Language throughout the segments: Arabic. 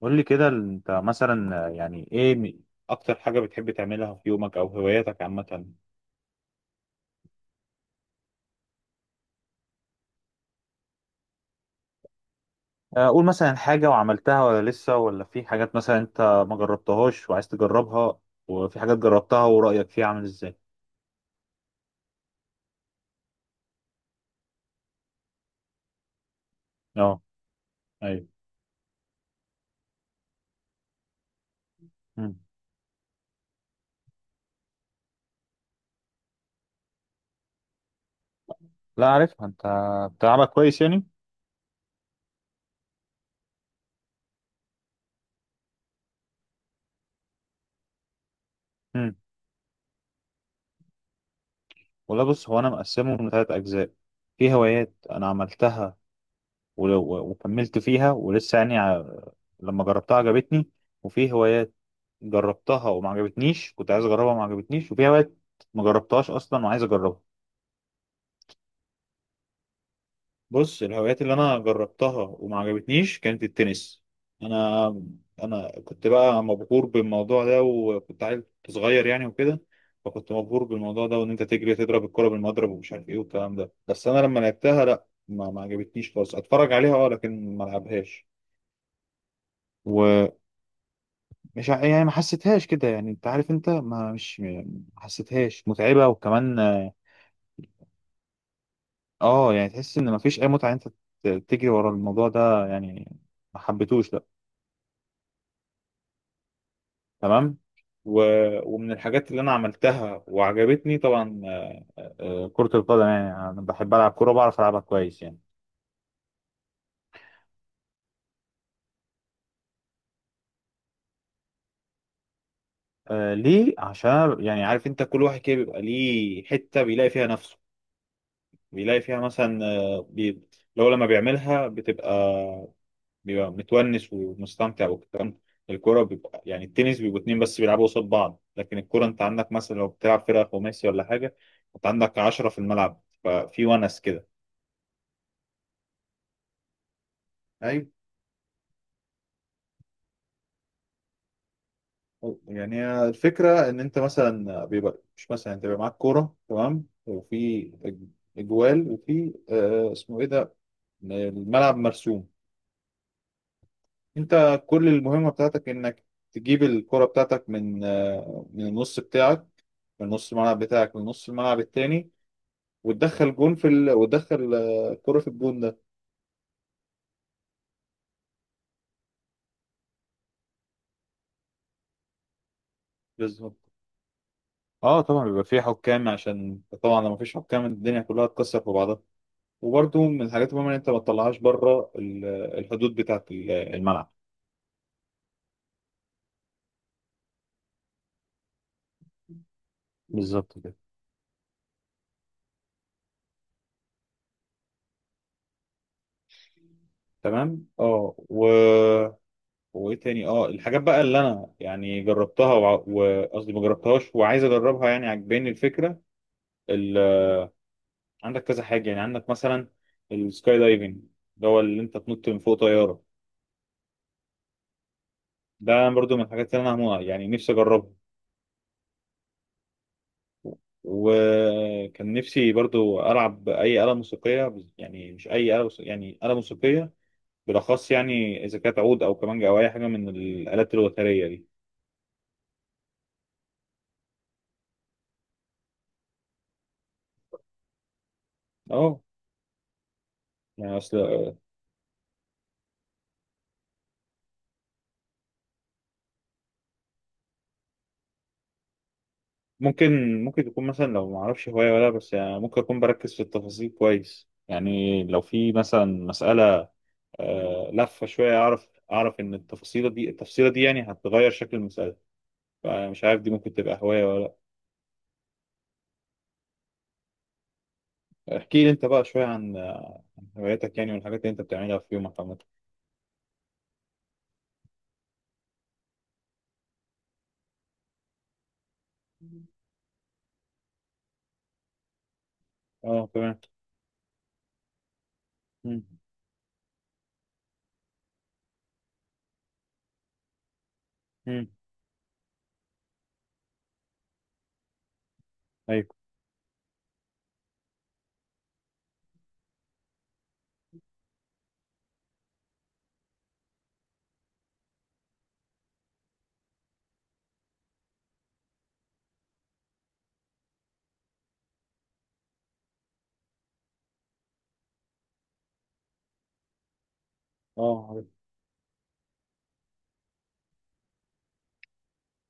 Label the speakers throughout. Speaker 1: قول لي كده، انت مثلا يعني ايه اكتر حاجة بتحب تعملها في يومك او هواياتك عامة؟ اقول مثلا حاجة وعملتها ولا لسه، ولا في حاجات مثلا انت ما جربتهاش وعايز تجربها، وفي حاجات جربتها ورأيك فيها عامل ازاي؟ اه، ايوه. مم. لا عارفها، انت بتلعبها كويس يعني؟ مم. والله بص، هو انا مقسمه لثلاث اجزاء. في هوايات انا عملتها وكملت فيها ولسه، يعني لما جربتها عجبتني. وفي هوايات جربتها وما عجبتنيش، كنت عايز اجربها وما عجبتنيش، وفي هوايات ما جربتهاش اصلا وعايز اجربها. بص، الهوايات اللي انا جربتها وما عجبتنيش كانت التنس. انا انا كنت بقى مبهور بالموضوع ده وكنت عيل صغير يعني وكده، فكنت مبهور بالموضوع ده، وان انت تجري تضرب الكرة بالمضرب ومش عارف ايه والكلام ده. بس انا لما لعبتها لا، ما عجبتنيش خالص، اتفرج عليها اه، لكن ما العبهاش. و... مش ع- يعني ما حسيتهاش كده، يعني انت عارف، انت ما حسيتهاش متعبة وكمان اه. يعني تحس ان ما فيش اي متعة، انت تجري ورا الموضوع ده يعني، ما حبيتهوش لا. تمام. و... ومن الحاجات اللي انا عملتها وعجبتني طبعا كرة القدم. يعني انا بحب العب كورة، بعرف العبها كويس يعني. آه ليه؟ عشان أنا يعني عارف، انت كل واحد كده بيبقى ليه حتة بيلاقي فيها نفسه، بيلاقي فيها مثلا لو لما بيعملها بتبقى، بيبقى متونس ومستمتع والكلام. الكوره بيبقى يعني، التنس بيبقوا اتنين بس بيلعبوا قصاد بعض، لكن الكوره انت عندك مثلا لو بتلعب فرقه خماسي ولا حاجه، انت عندك 10 في الملعب، ففي ونس كده. ايوه. يعني هي الفكرة إن أنت مثلا بيبقى مش مثلا أنت بيبقى معاك كورة تمام، وفي إجوال، وفي آه اسمه إيه ده، الملعب مرسوم. أنت كل المهمة بتاعتك إنك تجيب الكرة بتاعتك من من النص بتاعك، من نص الملعب بتاعك من نص الملعب التاني، وتدخل جون في وتدخل كرة في الجون ده. بالظبط. اه طبعا بيبقى في حكام، عشان طبعا لو مفيش حكام الدنيا كلها تكسر في بعضها. وبرده من الحاجات المهمة ان انت ما تطلعهاش بره الحدود بتاعة الملعب. بالظبط كده. تمام اه، وايه تاني، اه الحاجات بقى اللي انا يعني جربتها وقصدي ما جربتهاش وعايز اجربها، يعني عجباني الفكرة. ال... عندك كذا حاجة، يعني عندك مثلا السكاي دايفنج، اللي هو اللي انت تنط من فوق طيارة. ده برضو من الحاجات اللي انا يعني نفسي اجربها. وكان نفسي برضو العب اي آلة موسيقية، يعني مش اي آلة موسيقية، يعني آلة موسيقية بالاخص، يعني اذا كانت عود او كمانجا او اي حاجة من الآلات الوترية دي. اه، يعني اصل. ممكن تكون مثلا، لو ما اعرفش هواية ولا، بس يعني ممكن اكون بركز في التفاصيل كويس، يعني لو في مثلا مسألة لفة شوية اعرف، اعرف ان التفاصيلة دي التفصيلة دي يعني هتغير شكل المسألة. فمش عارف دي ممكن تبقى هواية ولا. احكي لي انت بقى شوية عن هواياتك يعني، والحاجات اللي انت بتعملها في يومك عامة. اه تمام. مم. مم. ايوه. اه عارف.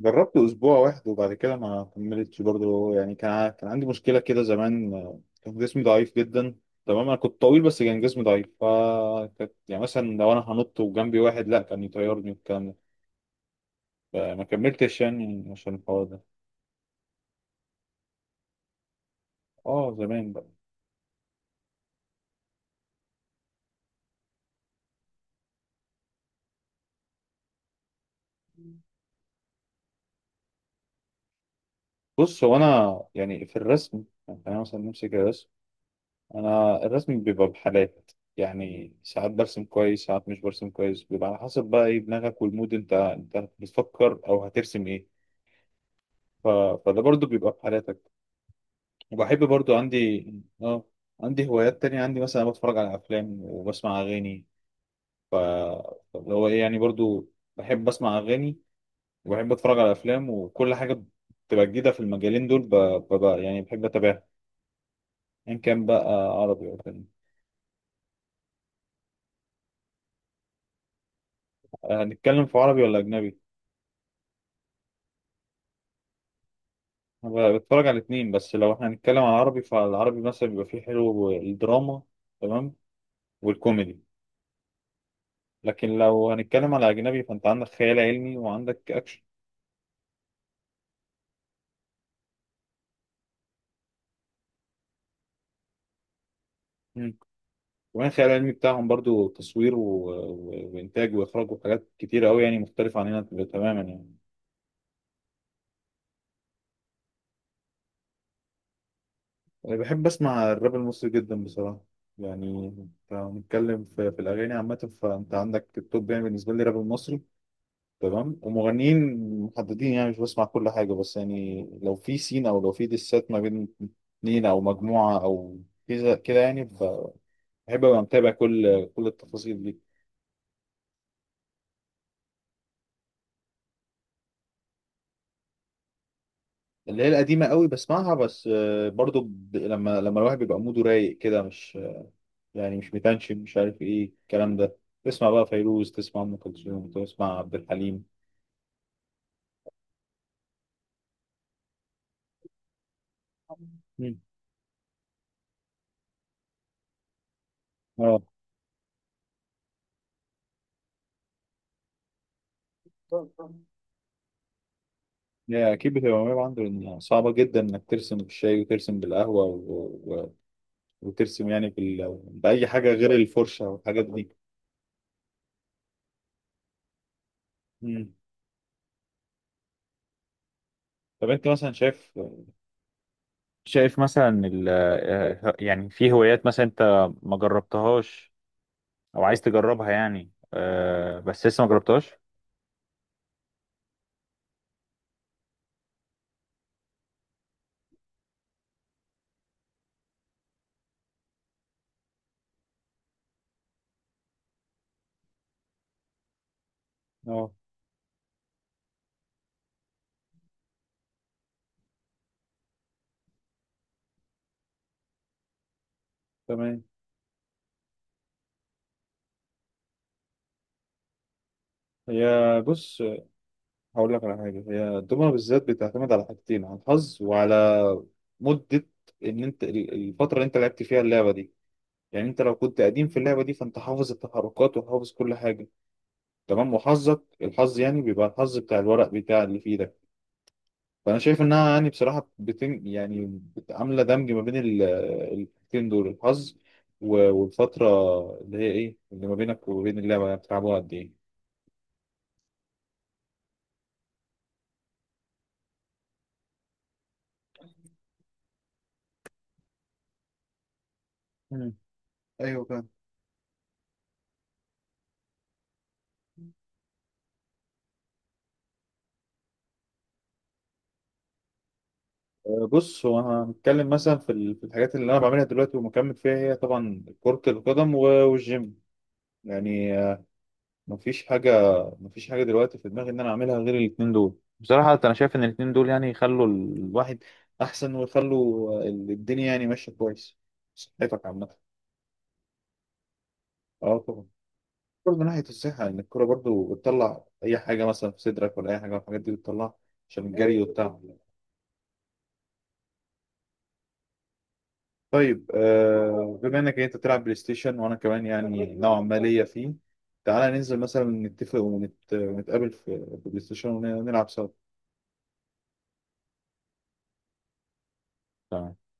Speaker 1: جربت اسبوع واحد وبعد كده ما كملتش برضه. يعني كان كان عندي مشكلة كده زمان، كان جسمي ضعيف جدا. تمام، انا كنت طويل بس كان جسمي ضعيف، ف يعني مثلا لو انا هنط وجنبي واحد لا كان يطيرني والكلام ده، فما كملتش يعني عشان الحوار ده. اه زمان بقى. بص هو انا يعني في الرسم، يعني انا مثلا نمسك الرسم. انا الرسم بيبقى بحالات، يعني ساعات برسم كويس، ساعات مش برسم كويس، بيبقى على حسب بقى ايه دماغك والمود، انت بتفكر او هترسم ايه. ف... فده برضو بيبقى بحالاتك. وبحب برضو عندي. اه. عندي هوايات تانية، عندي مثلا بتفرج على افلام وبسمع اغاني. ف اللي هو ايه يعني، برضو بحب اسمع اغاني، وبحب اتفرج على افلام، وكل حاجة بتبقى جديدة في المجالين دول يعني بحب اتابعها، ان كان بقى عربي او اجنبي. هنتكلم في عربي ولا اجنبي؟ أنا بتفرج على الاتنين. بس لو احنا هنتكلم على العربي، فالعربي مثلا بيبقى فيه حلو الدراما، تمام، والكوميدي. لكن لو هنتكلم على أجنبي، فأنت عندك خيال علمي وعندك أكشن. مم. كمان الخيال العلمي بتاعهم برضو تصوير وإنتاج وإخراج وحاجات كتيرة أوي، يعني مختلفة عننا تماما يعني. أنا بحب أسمع الراب المصري جدا بصراحة. يعني لو هنتكلم في الأغاني عامة، فأنت عندك التوب، يعني بالنسبة لي الراب المصري. تمام، ومغنيين محددين، يعني مش بسمع كل حاجة. بس يعني لو في سين، أو لو في ديسات ما بين اتنين أو مجموعة أو كذا كده يعني، بحب أبقى متابع كل التفاصيل دي. اللي هي القديمة قوي بسمعها. بس برضو لما الواحد بيبقى موده رايق كده، مش يعني مش متنشن، مش عارف إيه الكلام ده، تسمع بقى فيروز، تسمع أم كلثوم، تسمع عبد الحليم. مم. اه. هي أكيد بتبقى متعب عنده، لأن صعبة جدا إنك ترسم بالشاي وترسم بالقهوة وترسم يعني بأي حاجة غير الفرشة والحاجات دي. مم. طب انت مثلا شايف، شايف مثلا ال... آه، يعني في هوايات مثلا انت ما جربتهاش او عايز تجربها، يعني بس لسه ما جربتهاش؟ اه تمام. هي بص، هقول لك على حاجة. هي الدومنة بالذات بتعتمد على حاجتين، على الحظ وعلى مدة ان انت الفترة اللي انت لعبت فيها اللعبة دي. يعني انت لو كنت قديم في اللعبة دي فانت حافظ التحركات وحافظ كل حاجة، تمام، وحظك الحظ يعني، بيبقى الحظ بتاع الورق بتاع اللي في ايدك. فانا شايف انها يعني بصراحه، عامله دمج ما بين الحاجتين دول، الحظ والفتره، اللي هي ايه، اللي ما بينك وما بين اللعبه، يعني بتلعبوها قد ايه. مم. ايوه فاهم. أه، بص، هو أنا هنتكلم مثلا في في الحاجات اللي انا بعملها دلوقتي ومكمل فيها، هي طبعا كرة القدم والجيم يعني. مفيش حاجة مفيش حاجة دلوقتي في دماغي إن أنا أعملها غير الاتنين دول. بصراحة أنا شايف إن الاتنين دول يعني يخلوا الواحد أحسن، ويخلوا الدنيا يعني ماشية كويس، صحتك عامة. أه طبعا. برضه من ناحية الصحة، إن الكورة برضه بتطلع أي حاجة مثلا في صدرك، ولا أي حاجة من الحاجات دي بتطلعها، عشان الجري والتعب. طيب آه، بما إنك أنت بتلعب بلاي ستيشن وأنا كمان يعني نوعا ما ليا فيه، تعالى ننزل مثلا نتفق ونتقابل في في بلاي ستيشن ونلعب سوا. تمام.